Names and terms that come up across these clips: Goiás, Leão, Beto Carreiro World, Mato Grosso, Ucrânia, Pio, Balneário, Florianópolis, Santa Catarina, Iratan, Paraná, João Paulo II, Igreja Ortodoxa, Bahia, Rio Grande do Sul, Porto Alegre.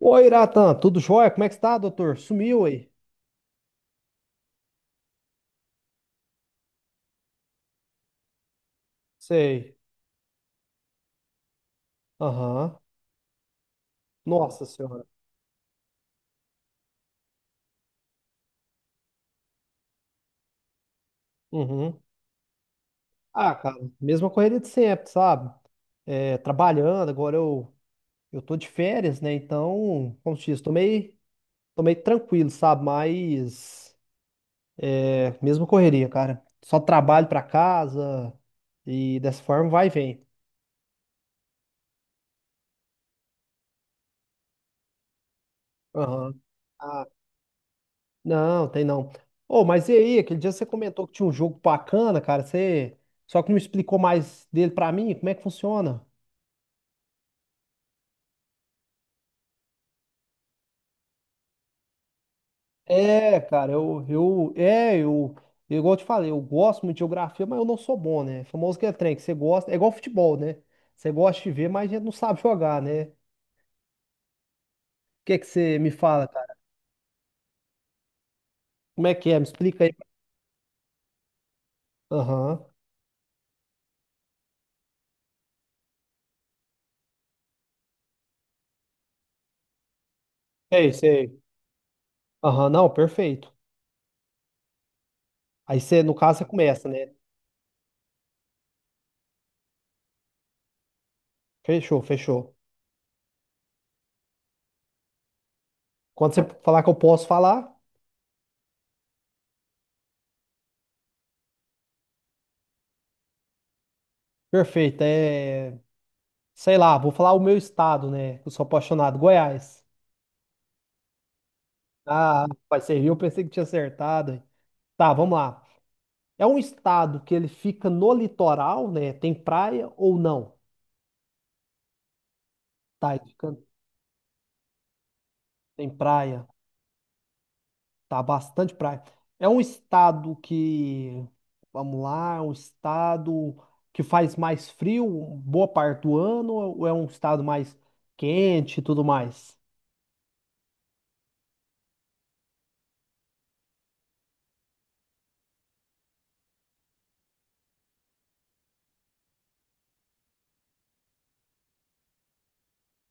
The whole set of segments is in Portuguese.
Oi, Iratan, tudo jóia? Como é que está, doutor? Sumiu aí? Sei. Aham. Nossa senhora. Uhum. Ah, cara, mesma correria de sempre, sabe? É, trabalhando, agora eu tô de férias, né? Então, como se diz, tô meio tranquilo, sabe? Mas, é, mesma correria, cara. Só trabalho pra casa e dessa forma vai e vem. Aham. Não, tem não. Ô, mas e aí, aquele dia você comentou que tinha um jogo bacana, cara. Você só que não explicou mais dele pra mim, como é que funciona? É, cara, eu, igual eu te falei, eu gosto muito de geografia, mas eu não sou bom, né? Famoso que é trem, que você gosta, é igual futebol, né? Você gosta de ver, mas a gente não sabe jogar, né? O que que você me fala, cara? Como é que é? Me explica aí. Aham. Sei, sei. Aham, não, perfeito. Aí, no caso, você começa, né? Fechou, fechou. Quando você falar que eu posso falar. Perfeito. É, sei lá, vou falar o meu estado, né? Que eu sou apaixonado. Goiás. Ah, vai servir, eu pensei que tinha acertado, hein? Tá, vamos lá. É um estado que ele fica no litoral, né? Tem praia ou não? Tá, ele fica- Tem praia. Tá, bastante praia. É um estado que, vamos lá, é um estado que faz mais frio boa parte do ano ou é um estado mais quente e tudo mais?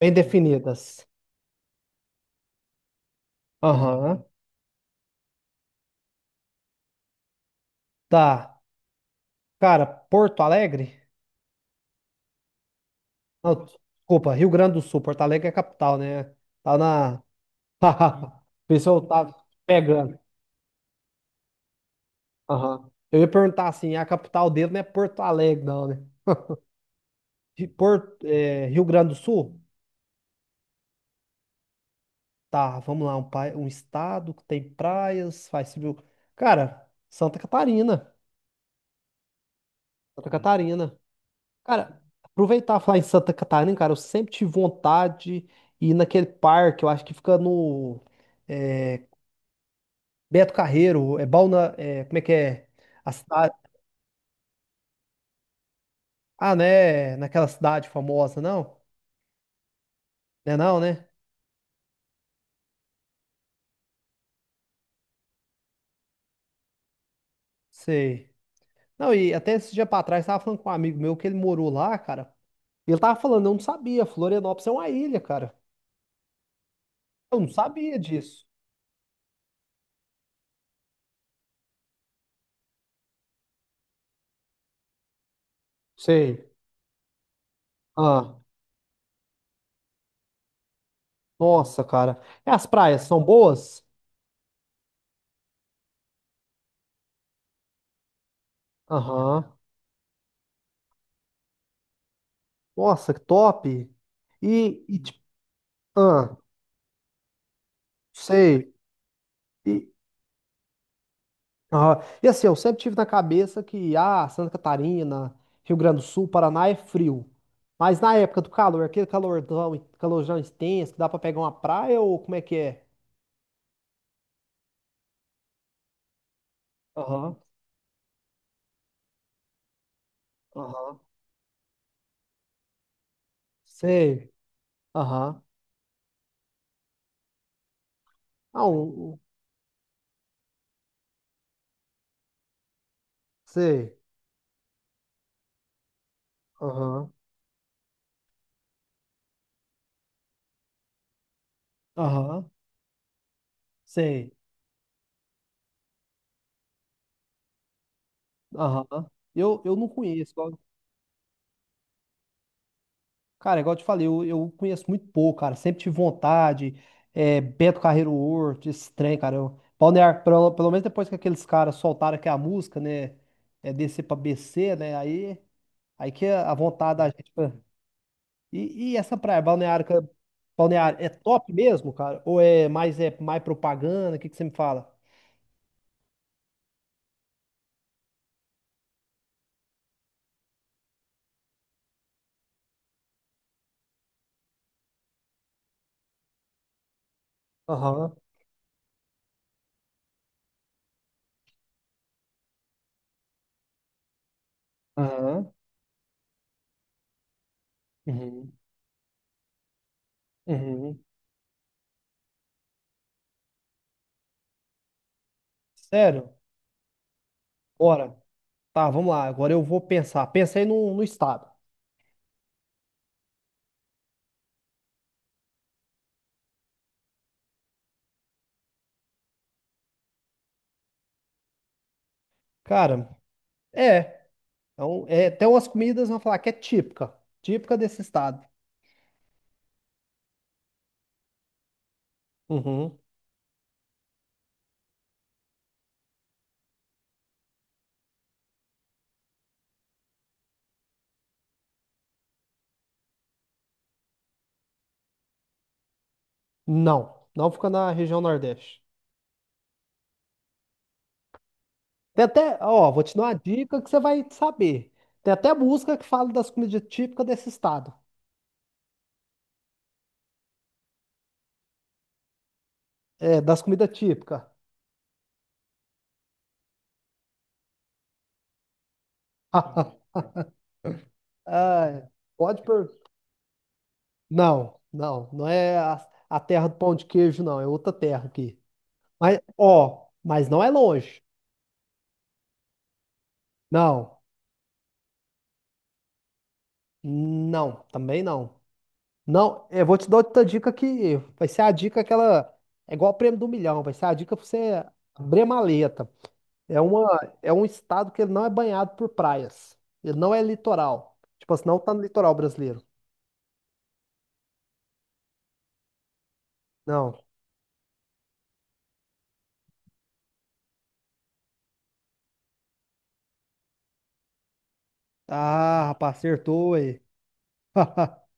Bem definidas. Aham. Tá. Cara, Porto Alegre? Não, desculpa, Rio Grande do Sul. Porto Alegre é a capital, né? Tá na. O pessoal tá pegando. Aham. Eu ia perguntar assim: a capital dele não é Porto Alegre, não, né? Rio Grande do Sul? Tá, vamos lá. Um, pai, um estado que tem praias, faz civil. Cara, Santa Catarina. Santa Catarina. Cara, aproveitar e falar em Santa Catarina, cara, eu sempre tive vontade de ir naquele parque, eu acho que fica no. é, Beto Carreiro, é como é que é? A cidade. Ah, né? Naquela cidade famosa, não? Né, não, né? Sei. Não, e até esse dia pra trás, tava falando com um amigo meu que ele morou lá, cara. E ele tava falando, eu não sabia, Florianópolis é uma ilha, cara. Eu não sabia disso. Sei. Ah, nossa, cara. E as praias são boas? Aham. Nossa, que top. E, e tipo, ah, sei. E, ah, e assim, eu sempre tive na cabeça que, ah, Santa Catarina, Rio Grande do Sul, Paraná é frio. Mas na época do calor, aquele calorão, calorão extenso, que dá pra pegar uma praia ou como é que é? Aham, aham, sei, aham. Ah, um, um- sei, aham, aham, sei, aham. Eu não conheço. Cara, igual eu te falei, eu conheço muito pouco, cara. Sempre tive vontade. É, Beto Carreiro World, esse trem, cara. Eu, Balneário, pelo menos depois que aqueles caras soltaram aqui a música, né? É descer pra BC, né? Aí, que a vontade da gente. E essa praia, Balneário, é top mesmo, cara? Ou é mais propaganda? O que que você me fala? Aham, aham, uhum, uhum. Sério? Bora. Tá, vamos lá. Agora eu vou pensar. Pensei no estado. Cara, é. Então, é, até umas comidas vão falar que é típica, típica desse estado. Uhum. Não, não fica na região Nordeste. Tem até, ó, vou te dar uma dica que você vai saber. Tem até música que fala das comidas típicas desse estado. É, das comidas típicas. Ah, pode por. Não, não é a terra do pão de queijo, não, é outra terra aqui. Mas, ó, mas não é longe. Não, não, também não. Não, é, eu vou te dar outra dica que vai ser a dica aquela. É igual o prêmio do milhão, vai ser a dica pra você abrir a maleta. É um estado que ele não é banhado por praias. Ele não é litoral. Tipo assim, não tá no litoral brasileiro. Não. Ah, rapaz, acertou aí.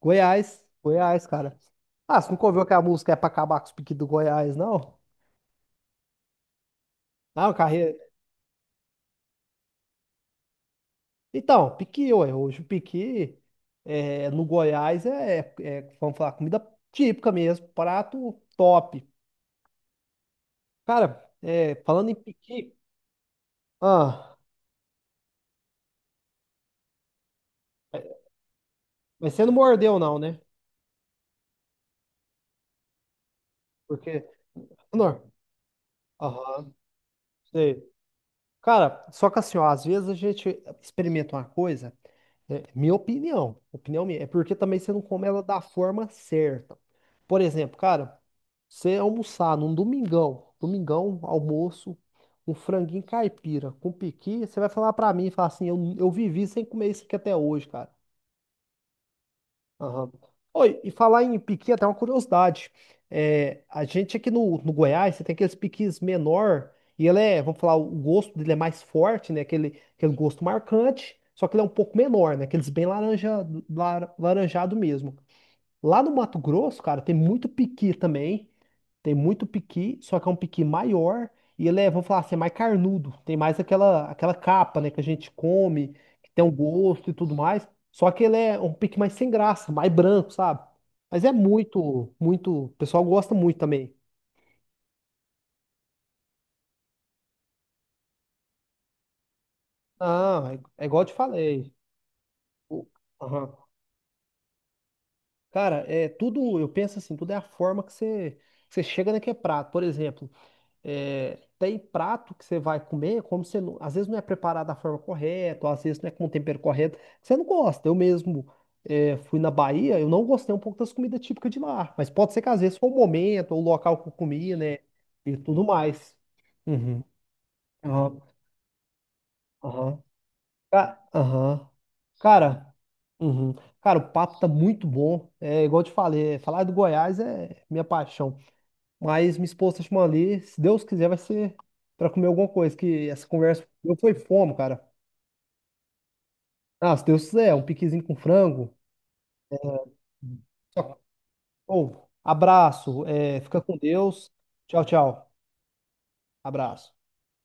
Goiás, Goiás, cara. Ah, você nunca ouviu que a música é pra acabar com os piques do Goiás, não? Não, carreira. Então, piqui, ué, hoje o piqui é, no Goiás é, é, é, vamos falar, comida típica mesmo, prato top. Cara, é, falando em piqui, ah, mas você não mordeu não, né? Porque, não, aham, sei. Cara, só que assim, ó, às vezes a gente experimenta uma coisa. É, opinião minha, é porque também você não come ela da forma certa. Por exemplo, cara, você almoçar num domingão, almoço, um franguinho caipira com piqui, você vai falar pra mim e falar assim, eu vivi sem comer isso aqui até hoje, cara. Aham. Oi, e falar em piqui, até uma curiosidade. É, a gente aqui no Goiás, você tem aqueles piquis menor, e ele é, vamos falar, o gosto dele é mais forte, né? Aquele, aquele gosto marcante, só que ele é um pouco menor, né? Aqueles bem laranjado mesmo. Lá no Mato Grosso, cara, tem muito piqui também. Tem muito piqui, só que é um piqui maior e ele é, vamos falar assim, é mais carnudo. Tem mais aquela, aquela capa, né, que a gente come, que tem um gosto e tudo mais. Só que ele é um piqui mais sem graça, mais branco, sabe? Mas é muito, muito. O pessoal gosta muito também. Ah, é, é igual eu te falei. O- aham. Cara, é tudo, eu penso assim, tudo é a forma que você chega naquele prato. Por exemplo, é, tem prato que você vai comer, como você não- às vezes não é preparado da forma correta, ou às vezes não é com o tempero correto, que você não gosta. Eu mesmo fui na Bahia, eu não gostei um pouco das comidas típicas de lá, mas pode ser que às vezes foi o momento, ou o local que eu comi, né, e tudo mais. Uhum. Aham. Aham. Aham. Cara, uhum. Cara, o papo tá muito bom. É igual eu te falei, falar do Goiás é minha paixão. Mas minha esposa chamou ali, se Deus quiser, vai ser pra comer alguma coisa, que essa conversa eu foi fome, cara. Ah, se Deus quiser, um piquezinho com frango. Só- Ô, abraço, é, fica com Deus. Tchau, tchau. Abraço.